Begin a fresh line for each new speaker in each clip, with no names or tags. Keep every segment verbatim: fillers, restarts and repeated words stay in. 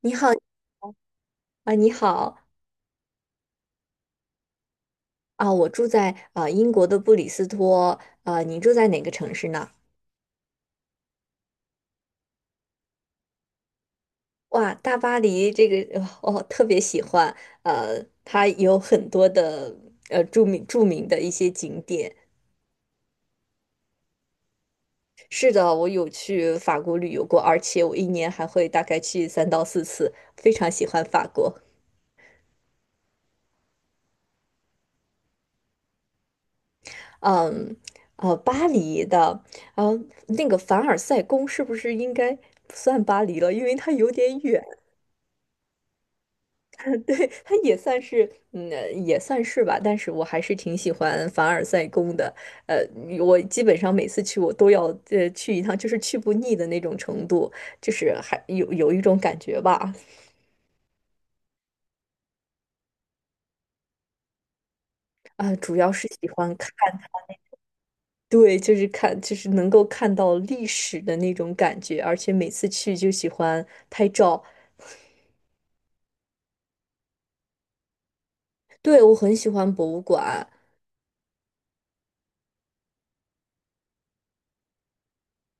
你好啊，你好啊，我住在啊英国的布里斯托。啊，你住在哪个城市呢？哇，大巴黎这个我哦，我特别喜欢，呃，它有很多的呃著名著名的一些景点。是的，我有去法国旅游过，而且我一年还会大概去三到四次，非常喜欢法国。嗯，呃，巴黎的，呃，那个凡尔赛宫是不是应该不算巴黎了？因为它有点远。对，它也算是，嗯，呃也算是吧，但是我还是挺喜欢凡尔赛宫的。呃，我基本上每次去，我都要呃去一趟，就是去不腻的那种程度，就是还有有一种感觉吧。啊、主要是喜欢看。对，就是看，就是能够看到历史的那种感觉，而且每次去就喜欢拍照。对，我很喜欢博物馆。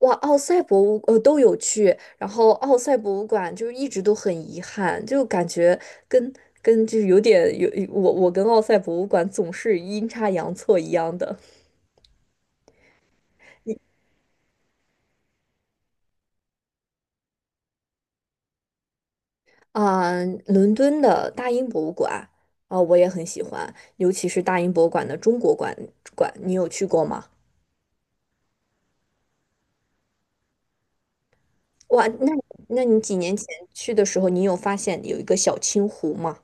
哇，奥赛博物呃都有去，然后奥赛博物馆就是一直都很遗憾，就感觉跟跟就是有点有我我跟奥赛博物馆总是阴差阳错一样的。你啊、伦敦的大英博物馆啊、我也很喜欢，尤其是大英博物馆的中国馆馆，你有去过吗？哇，那那你几年前去的时候，你有发现有一个小青湖吗？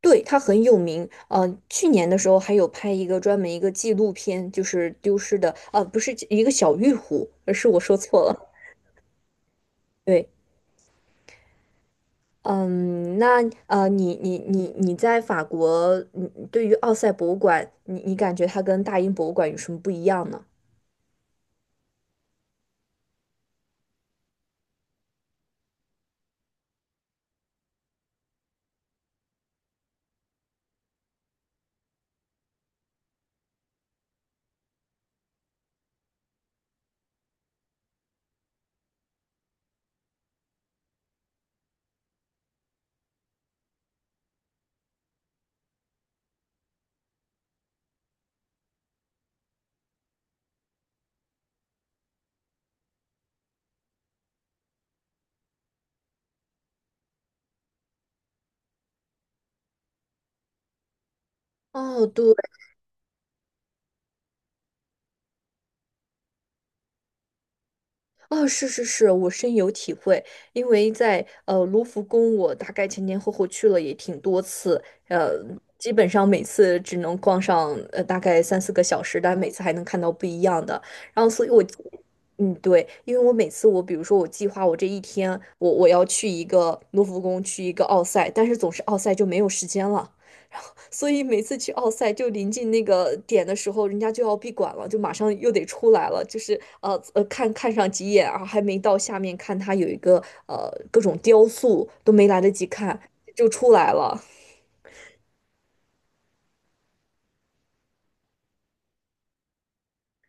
对，他很有名。呃，去年的时候还有拍一个专门一个纪录片，就是丢失的，呃，不是一个小玉壶，而是我说错了。对。嗯，那呃，你你你你在法国，你对于奥赛博物馆，你你感觉它跟大英博物馆有什么不一样呢？哦，对。哦，是是是，我深有体会，因为在呃卢浮宫，我大概前前后后去了也挺多次。呃，基本上每次只能逛上呃大概三四个小时，但每次还能看到不一样的。然后，所以我，嗯，对，因为我每次我比如说我计划我这一天，我我要去一个卢浮宫，去一个奥赛，但是总是奥赛就没有时间了。所以每次去奥赛就临近那个点的时候，人家就要闭馆了，就马上又得出来了，就是呃呃看看上几眼啊，还没到下面看，它有一个呃各种雕塑都没来得及看就出来了。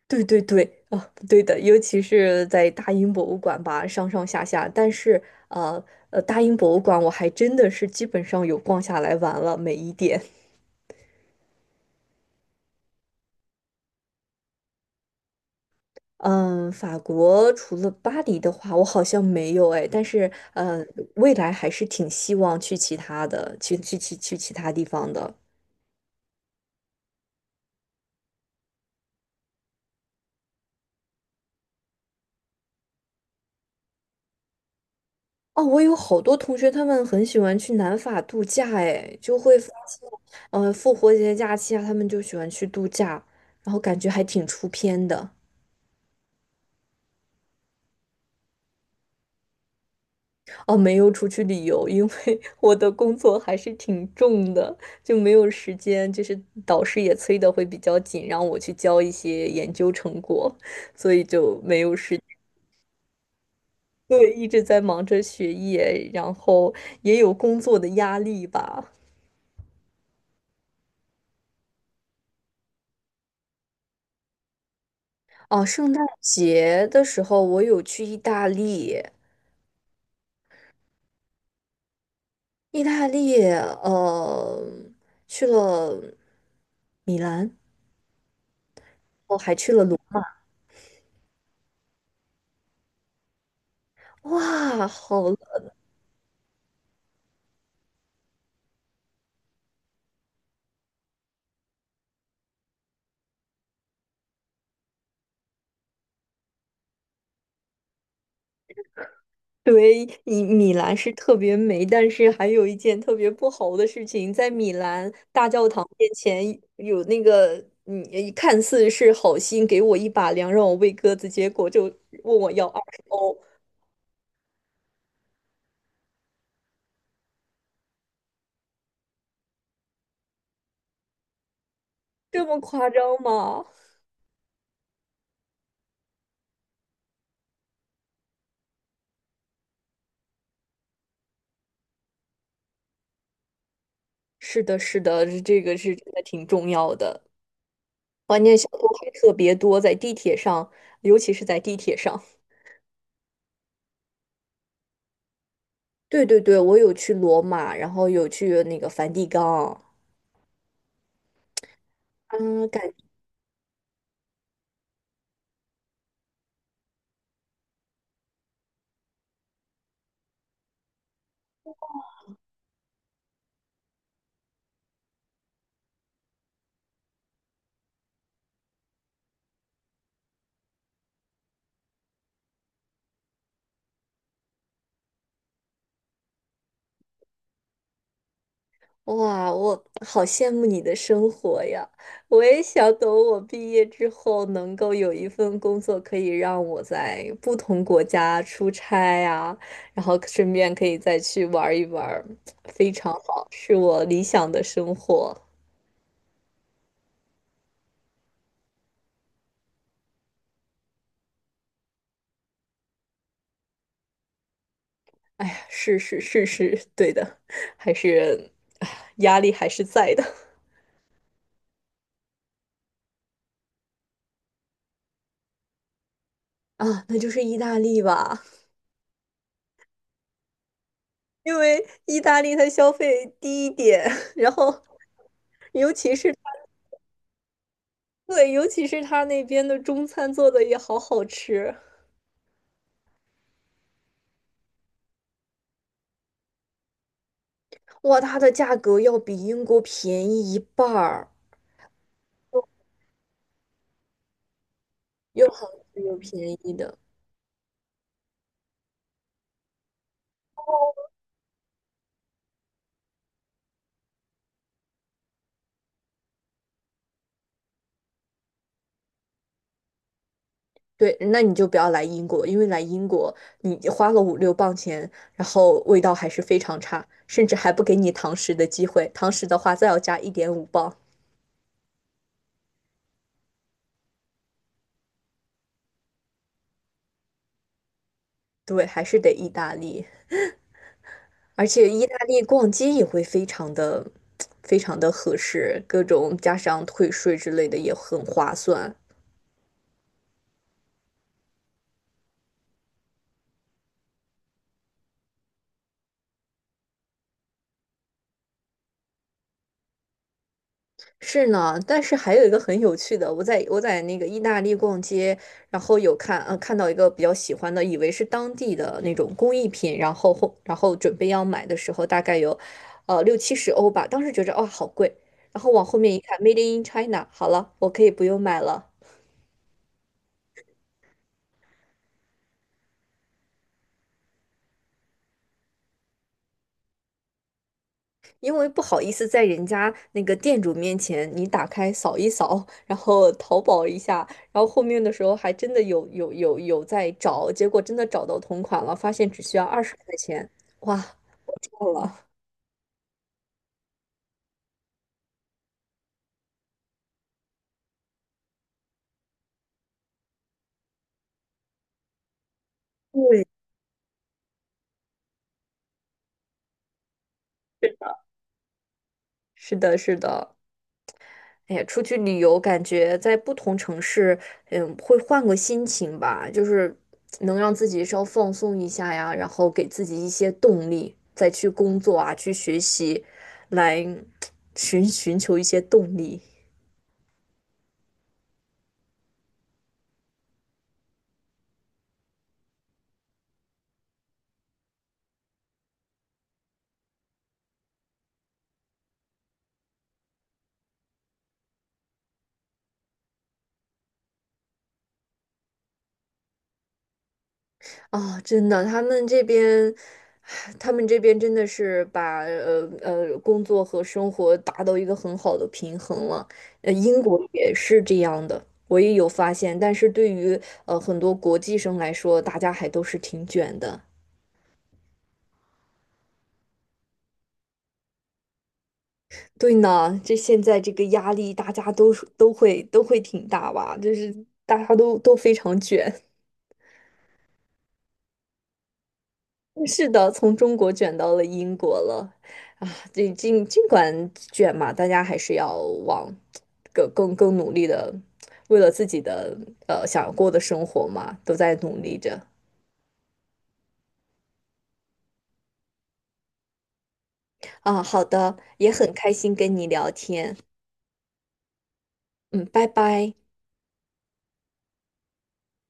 对对对，啊，对的，尤其是在大英博物馆吧，上上下下，但是呃呃大英博物馆我还真的是基本上有逛下来玩了每一点。嗯，法国除了巴黎的话，我好像没有哎，但是呃，未来还是挺希望去其他的，去去去去其他地方的。哦，我有好多同学，他们很喜欢去南法度假，哎，就会发现，呃，复活节假期啊，他们就喜欢去度假，然后感觉还挺出片的。哦，没有出去旅游，因为 我的工作还是挺重的，就没有时间。就是导师也催的会比较紧，让我去交一些研究成果，所以就没有时间。对，一直在忙着学业，然后也有工作的压力吧。哦，圣诞节的时候我有去意大利。意大利，呃，去了米兰。哦，还去了卢。哇，好。对，米米兰是特别美，但是还有一件特别不好的事情，在米兰大教堂面前有那个，嗯，看似是好心给我一把粮让我喂鸽子，结果就问我要二十欧。这么夸张吗？是的，是的，这个是真的挺重要的。关键小偷还特别多，在地铁上，尤其是在地铁上。对对对，我有去罗马，然后有去那个梵蒂冈。嗯，感哇，我好羡慕你的生活呀！我也想等我毕业之后，能够有一份工作，可以让我在不同国家出差呀，然后顺便可以再去玩儿一玩儿。非常好，是我理想的生活。哎呀，是是是是，对的。还是，哎呀压力还是在的。 啊，那就是意大利吧。因为意大利它消费低一点，然后尤其是。对，尤其是他那边的中餐做的也好好吃。哇，它的价格要比英国便宜一半儿，又好吃又便宜的。对，那你就不要来英国，因为来英国你花了五六磅钱，然后味道还是非常差，甚至还不给你堂食的机会。堂食的话，再要加一点五磅。对，还是得意大利，而且意大利逛街也会非常的、非常的合适，各种加上退税之类的也很划算。是呢，但是还有一个很有趣的，我在我在那个意大利逛街，然后有看呃看到一个比较喜欢的，以为是当地的那种工艺品，然后后然后准备要买的时候，大概有呃六七十欧吧，当时觉着哦好贵，然后往后面一看，Made in China，好了，我可以不用买了。因为不好意思在人家那个店主面前，你打开扫一扫，然后淘宝一下，然后后面的时候还真的有有有有在找，结果真的找到同款了，发现只需要二十块钱。哇，够了。对，是的，是的，是的。哎，呀，出去旅游，感觉在不同城市，嗯，会换个心情吧，就是能让自己稍放松一下呀，然后给自己一些动力，再去工作啊，去学习，来 寻寻求一些动力。啊，真的，他们这边，唉他们这边真的是把呃呃工作和生活达到一个很好的平衡了。呃，英国也是这样的，我也有发现。但是对于呃很多国际生来说，大家还都是挺卷的。对呢，这现在这个压力，大家都是都会都会挺大吧，就是大家都都非常卷。是的，从中国卷到了英国了。啊，这尽尽管卷嘛，大家还是要往更更更努力的，为了自己的呃想过的生活嘛，都在努力着。啊。好的，也很开心跟你聊天。嗯，拜拜。